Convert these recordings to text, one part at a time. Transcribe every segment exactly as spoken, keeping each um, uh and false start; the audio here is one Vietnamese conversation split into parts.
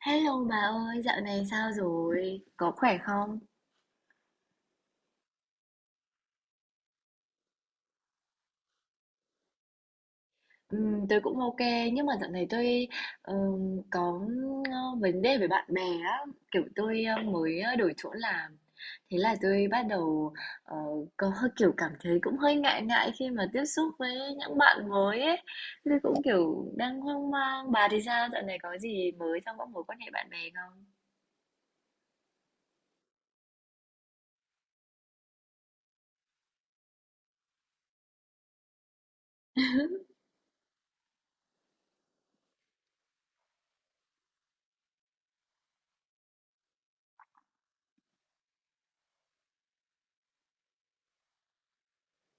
Hello bà ơi, dạo này sao rồi? Có khỏe không? Ừm, tôi cũng ok, nhưng mà dạo này tôi ừm, có ờ, vấn đề với bạn bè á, kiểu tôi ờ, mới ờ, đổi chỗ làm. Thế là tôi bắt đầu ờ, có hơi kiểu cảm thấy cũng hơi ngại ngại khi mà tiếp xúc với những bạn mới ấy. Tôi cũng kiểu đang hoang mang. Bà thì sao? Dạo này có gì mới trong các mối quan hệ bạn bè không?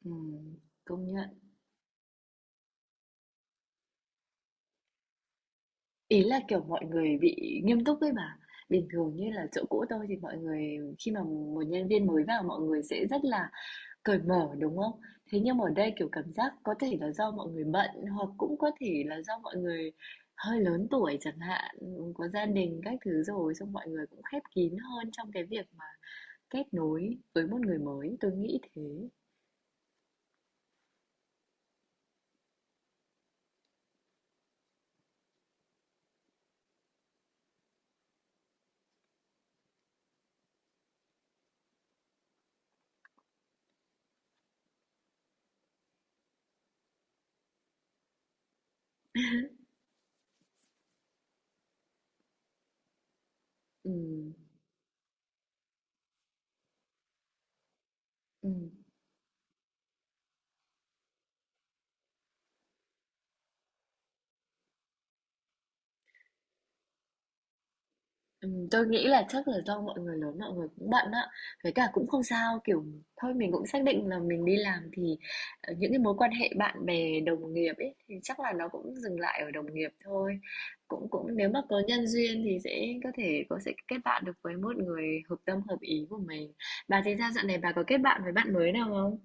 Ừm, công nhận. Ý là, kiểu, mọi người bị nghiêm túc ấy bà. Bình thường như là chỗ cũ tôi thì mọi người khi mà một nhân viên mới vào mọi người sẽ rất là cởi mở, đúng không? Thế nhưng mà ở đây, kiểu, cảm giác có thể là do mọi người bận hoặc cũng có thể là do mọi người hơi lớn tuổi chẳng hạn, có gia đình các thứ rồi, xong mọi người cũng khép kín hơn trong cái việc mà kết nối với một người mới, tôi nghĩ thế. Ừm, ừm. Ừm, tôi nghĩ là chắc là do mọi người lớn mọi người cũng bận á, với cả cũng không sao, kiểu, thôi mình cũng xác định là mình đi làm thì, ờ, những cái mối quan hệ bạn bè, đồng nghiệp ấy, thì chắc là nó cũng dừng lại ở đồng nghiệp thôi. Cũng cũng nếu mà có nhân duyên thì sẽ có thể có sẽ kết bạn được với một người hợp tâm, hợp ý của mình. Bà thì sao dạo này bà có kết bạn với bạn mới nào không?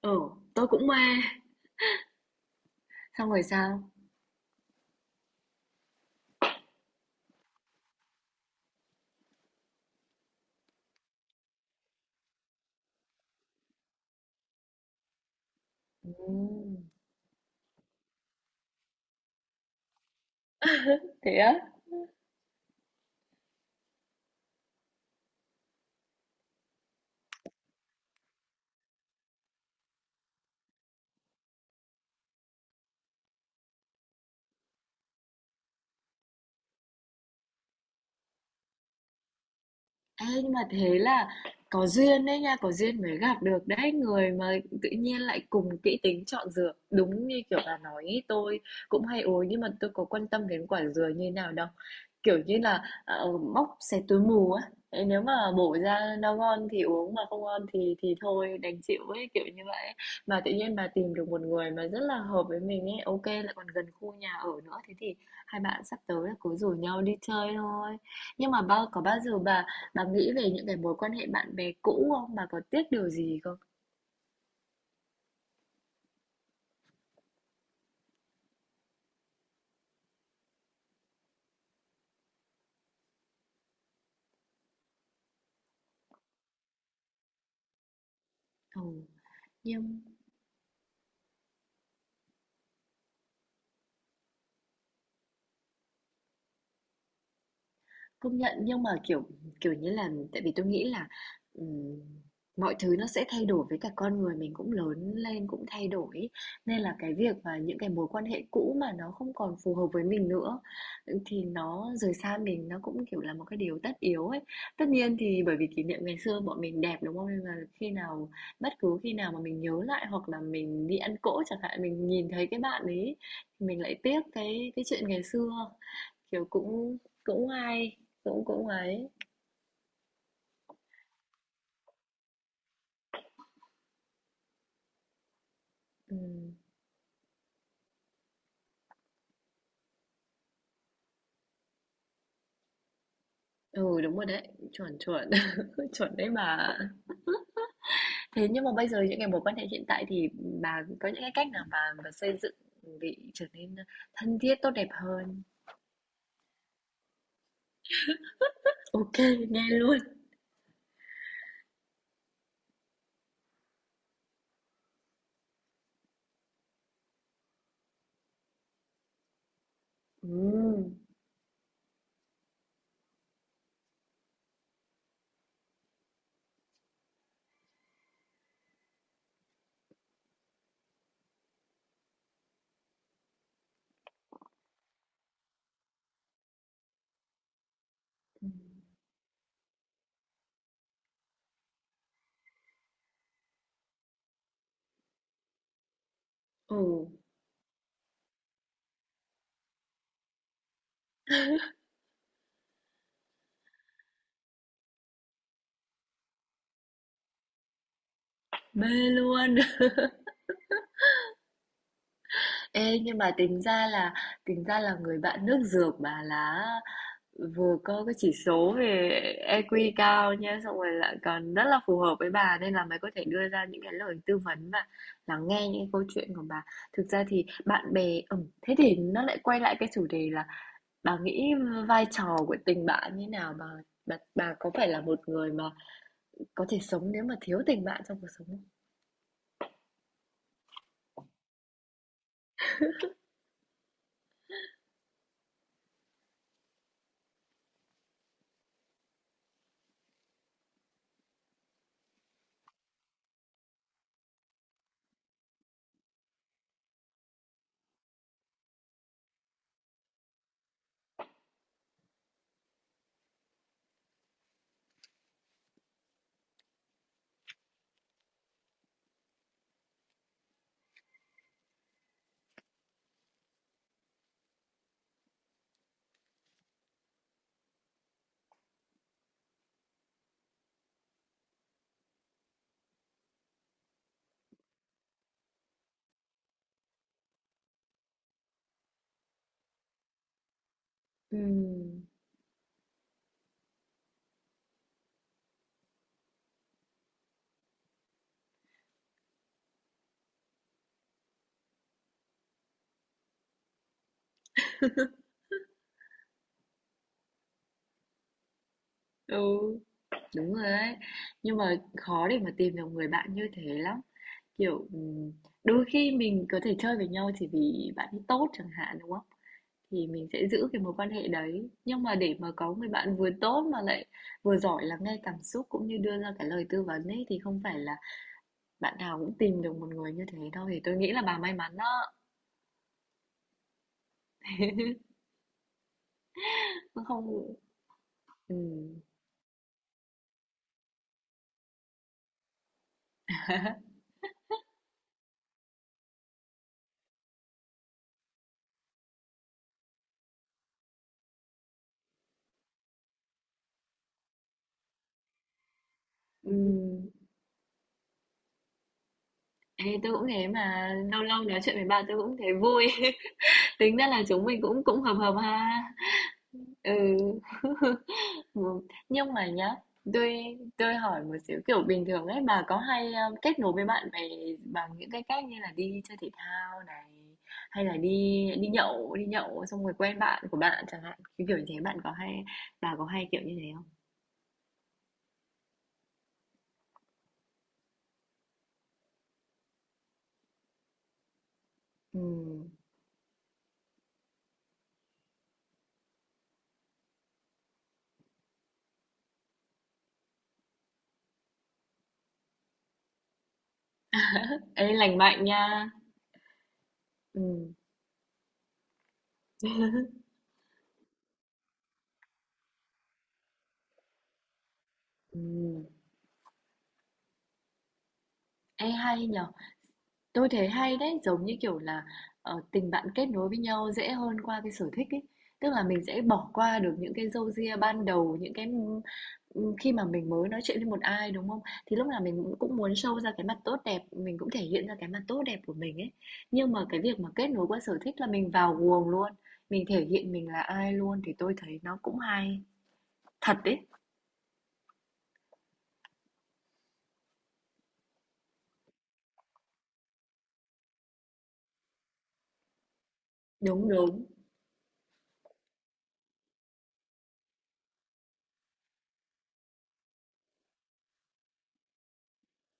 Ừ, tôi cũng mê. Xong rồi sao? Ừm, Thế á? Ê, nhưng mà thế là có duyên đấy nha, có duyên mới gặp được đấy người mà tự nhiên lại cùng kỹ tính chọn dừa. Đúng như kiểu bà nói ý, tôi cũng hay uống nhưng mà tôi có quan tâm đến quả dừa như nào đâu. Kiểu như là ờ, móc xé túi mù á. Ê, nếu mà bổ ra nó ngon thì uống mà không ngon thì thì thôi đành chịu ấy kiểu như vậy. Mà tự nhiên bà tìm được một người mà rất là hợp với mình ấy, ok lại còn gần khu nhà ở nữa thế thì hai bạn sắp tới là cứ rủ nhau đi chơi thôi. Nhưng mà bao có bao giờ bà Bà nghĩ về những cái mối quan hệ bạn bè cũ không? Bà có tiếc điều gì không? Ồ, nhưng Công nhận nhưng mà, kiểu, kiểu như là, tại vì tôi nghĩ là, ừm, mọi thứ nó sẽ thay đổi với cả con người mình cũng lớn lên, cũng thay đổi ấy, nên là cái việc và những cái mối quan hệ cũ mà nó không còn phù hợp với mình nữa, ừ, thì nó rời xa mình nó cũng, kiểu, là một cái điều tất yếu ấy. Tất nhiên thì bởi vì kỷ niệm ngày xưa bọn mình đẹp, đúng không? Nên là khi nào bất cứ khi nào mà mình nhớ lại hoặc là mình đi ăn cỗ chẳng hạn, mình nhìn thấy cái bạn ấy, thì mình lại tiếc cái cái chuyện ngày xưa. Kiểu, cũng cũng hay, cũng cũng ấy. Ừm. Ừ, đúng rồi đấy, chuẩn, chuẩn, chuẩn đấy bà. Thế nhưng mà bây giờ những cái mối quan hệ hiện tại thì bà có những cái cách nào bà bà xây dựng để trở nên thân thiết, tốt đẹp hơn? Ok, nghe luôn. Ừ. Ừ, mê luôn. Ê, nhưng mà tính ra là tính ra là người bạn nước dược bà là vừa có cái chỉ số về e quy cao nha, xong rồi lại còn rất là phù hợp với bà nên là mày có thể đưa ra những cái lời tư vấn và lắng nghe những cái câu chuyện của bà. Thực ra thì bạn bè ừ, thế thì nó lại quay lại cái chủ đề là bà nghĩ vai trò của tình bạn như nào bà, bà, bà có phải là một người mà có thể sống nếu mà thiếu tình bạn trong cuộc sống không? Ừ. Ừ. Đúng rồi ấy. Nhưng mà khó để mà tìm được người bạn như thế lắm. Kiểu ừm, đôi khi mình có thể chơi với nhau chỉ vì bạn ấy tốt chẳng hạn đúng không? Thì mình sẽ giữ cái mối quan hệ đấy. Nhưng mà để mà có người bạn vừa tốt mà lại vừa giỏi lắng nghe cảm xúc cũng như đưa ra cái lời tư vấn ấy thì không phải là bạn nào cũng tìm được một người như thế đâu. Thì tôi nghĩ là bà may mắn đó. Tôi Không ừm. Ừm. Ê, tôi cũng thế mà lâu lâu nói chuyện với bà tôi cũng thấy vui. Tính ra là chúng mình cũng cũng hợp hợp ha. Ừ. Ừ. Nhưng mà nhá, tôi tôi hỏi một xíu kiểu bình thường ấy bà có hay um, kết nối với bạn bè bằng những cái cách như là đi chơi thể thao này hay là đi đi nhậu, đi nhậu xong rồi quen bạn của bạn chẳng hạn. Cái kiểu như thế bạn có hay bà có hay kiểu như thế không? Ừ. Ê, lành mạnh nha. Ừ. Ừ. Ê, hay nhở. Tôi thấy hay đấy, giống như kiểu là ờ, tình bạn kết nối với nhau dễ hơn qua cái sở thích ấy. Tức là mình sẽ bỏ qua được những cái râu ria ban đầu, những cái ừm, khi mà mình mới nói chuyện với một ai đúng không? Thì lúc nào mình cũng cũng muốn show ra cái mặt tốt đẹp, mình cũng thể hiện ra cái mặt tốt đẹp của mình ấy. Nhưng mà cái việc mà kết nối qua sở thích là mình vào guồng luôn, mình thể hiện mình là ai luôn thì tôi thấy nó cũng hay. Thật đấy, đúng đúng,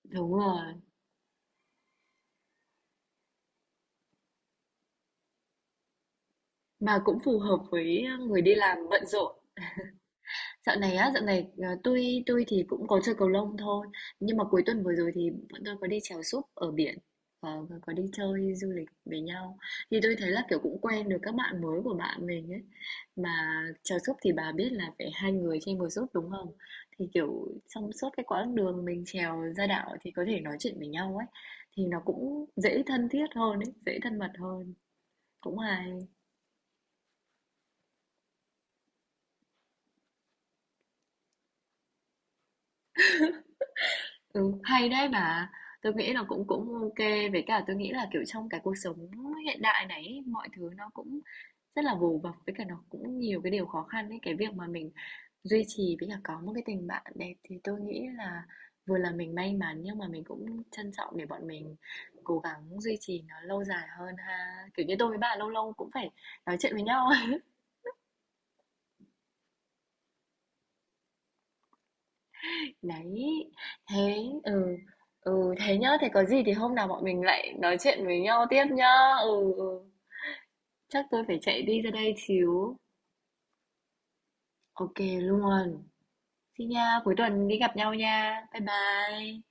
đúng rồi. Mà cũng phù hợp với người đi làm bận rộn. Dạo này á, dạo này, ờ, tôi tui thì cũng có chơi cầu lông thôi, nhưng mà cuối tuần vừa rồi thì bọn tôi có đi chèo súp ở biển, ờ, và có đi chơi du lịch với nhau. Thì tôi thấy là kiểu cũng quen được các bạn mới của bạn mình ấy. Mà chèo súp thì bà biết là phải hai người trên một súp đúng không? Thì kiểu trong suốt cái quãng đường mình chèo ra đảo thì có thể nói chuyện với nhau ấy, thì nó cũng dễ thân thiết hơn ấy, dễ thân mật hơn. Cũng hay. Ừ, hay đấy mà. Tôi nghĩ là cũng cũng ok, với cả tôi nghĩ là, kiểu, trong cái cuộc sống hiện đại này ấy, mọi thứ nó cũng rất là vồ vập, với cả nó cũng nhiều cái điều khó khăn ấy. Cái việc mà mình duy trì với cả có một cái tình bạn đẹp thì tôi nghĩ là vừa là mình may mắn nhưng mà mình cũng trân trọng để bọn mình cố gắng duy trì nó lâu dài hơn ha. Kiểu như tôi với bà lâu lâu cũng phải nói chuyện với nhau. Đấy, thế ừ, ừ, thế nhá, thế có gì thì hôm nào bọn mình lại nói chuyện với nhau tiếp nhá. Ừ, ừ. Chắc tôi phải chạy đi ra đây xíu. Ok luôn. Xin nha, cuối tuần đi gặp nhau nha. Bye bye.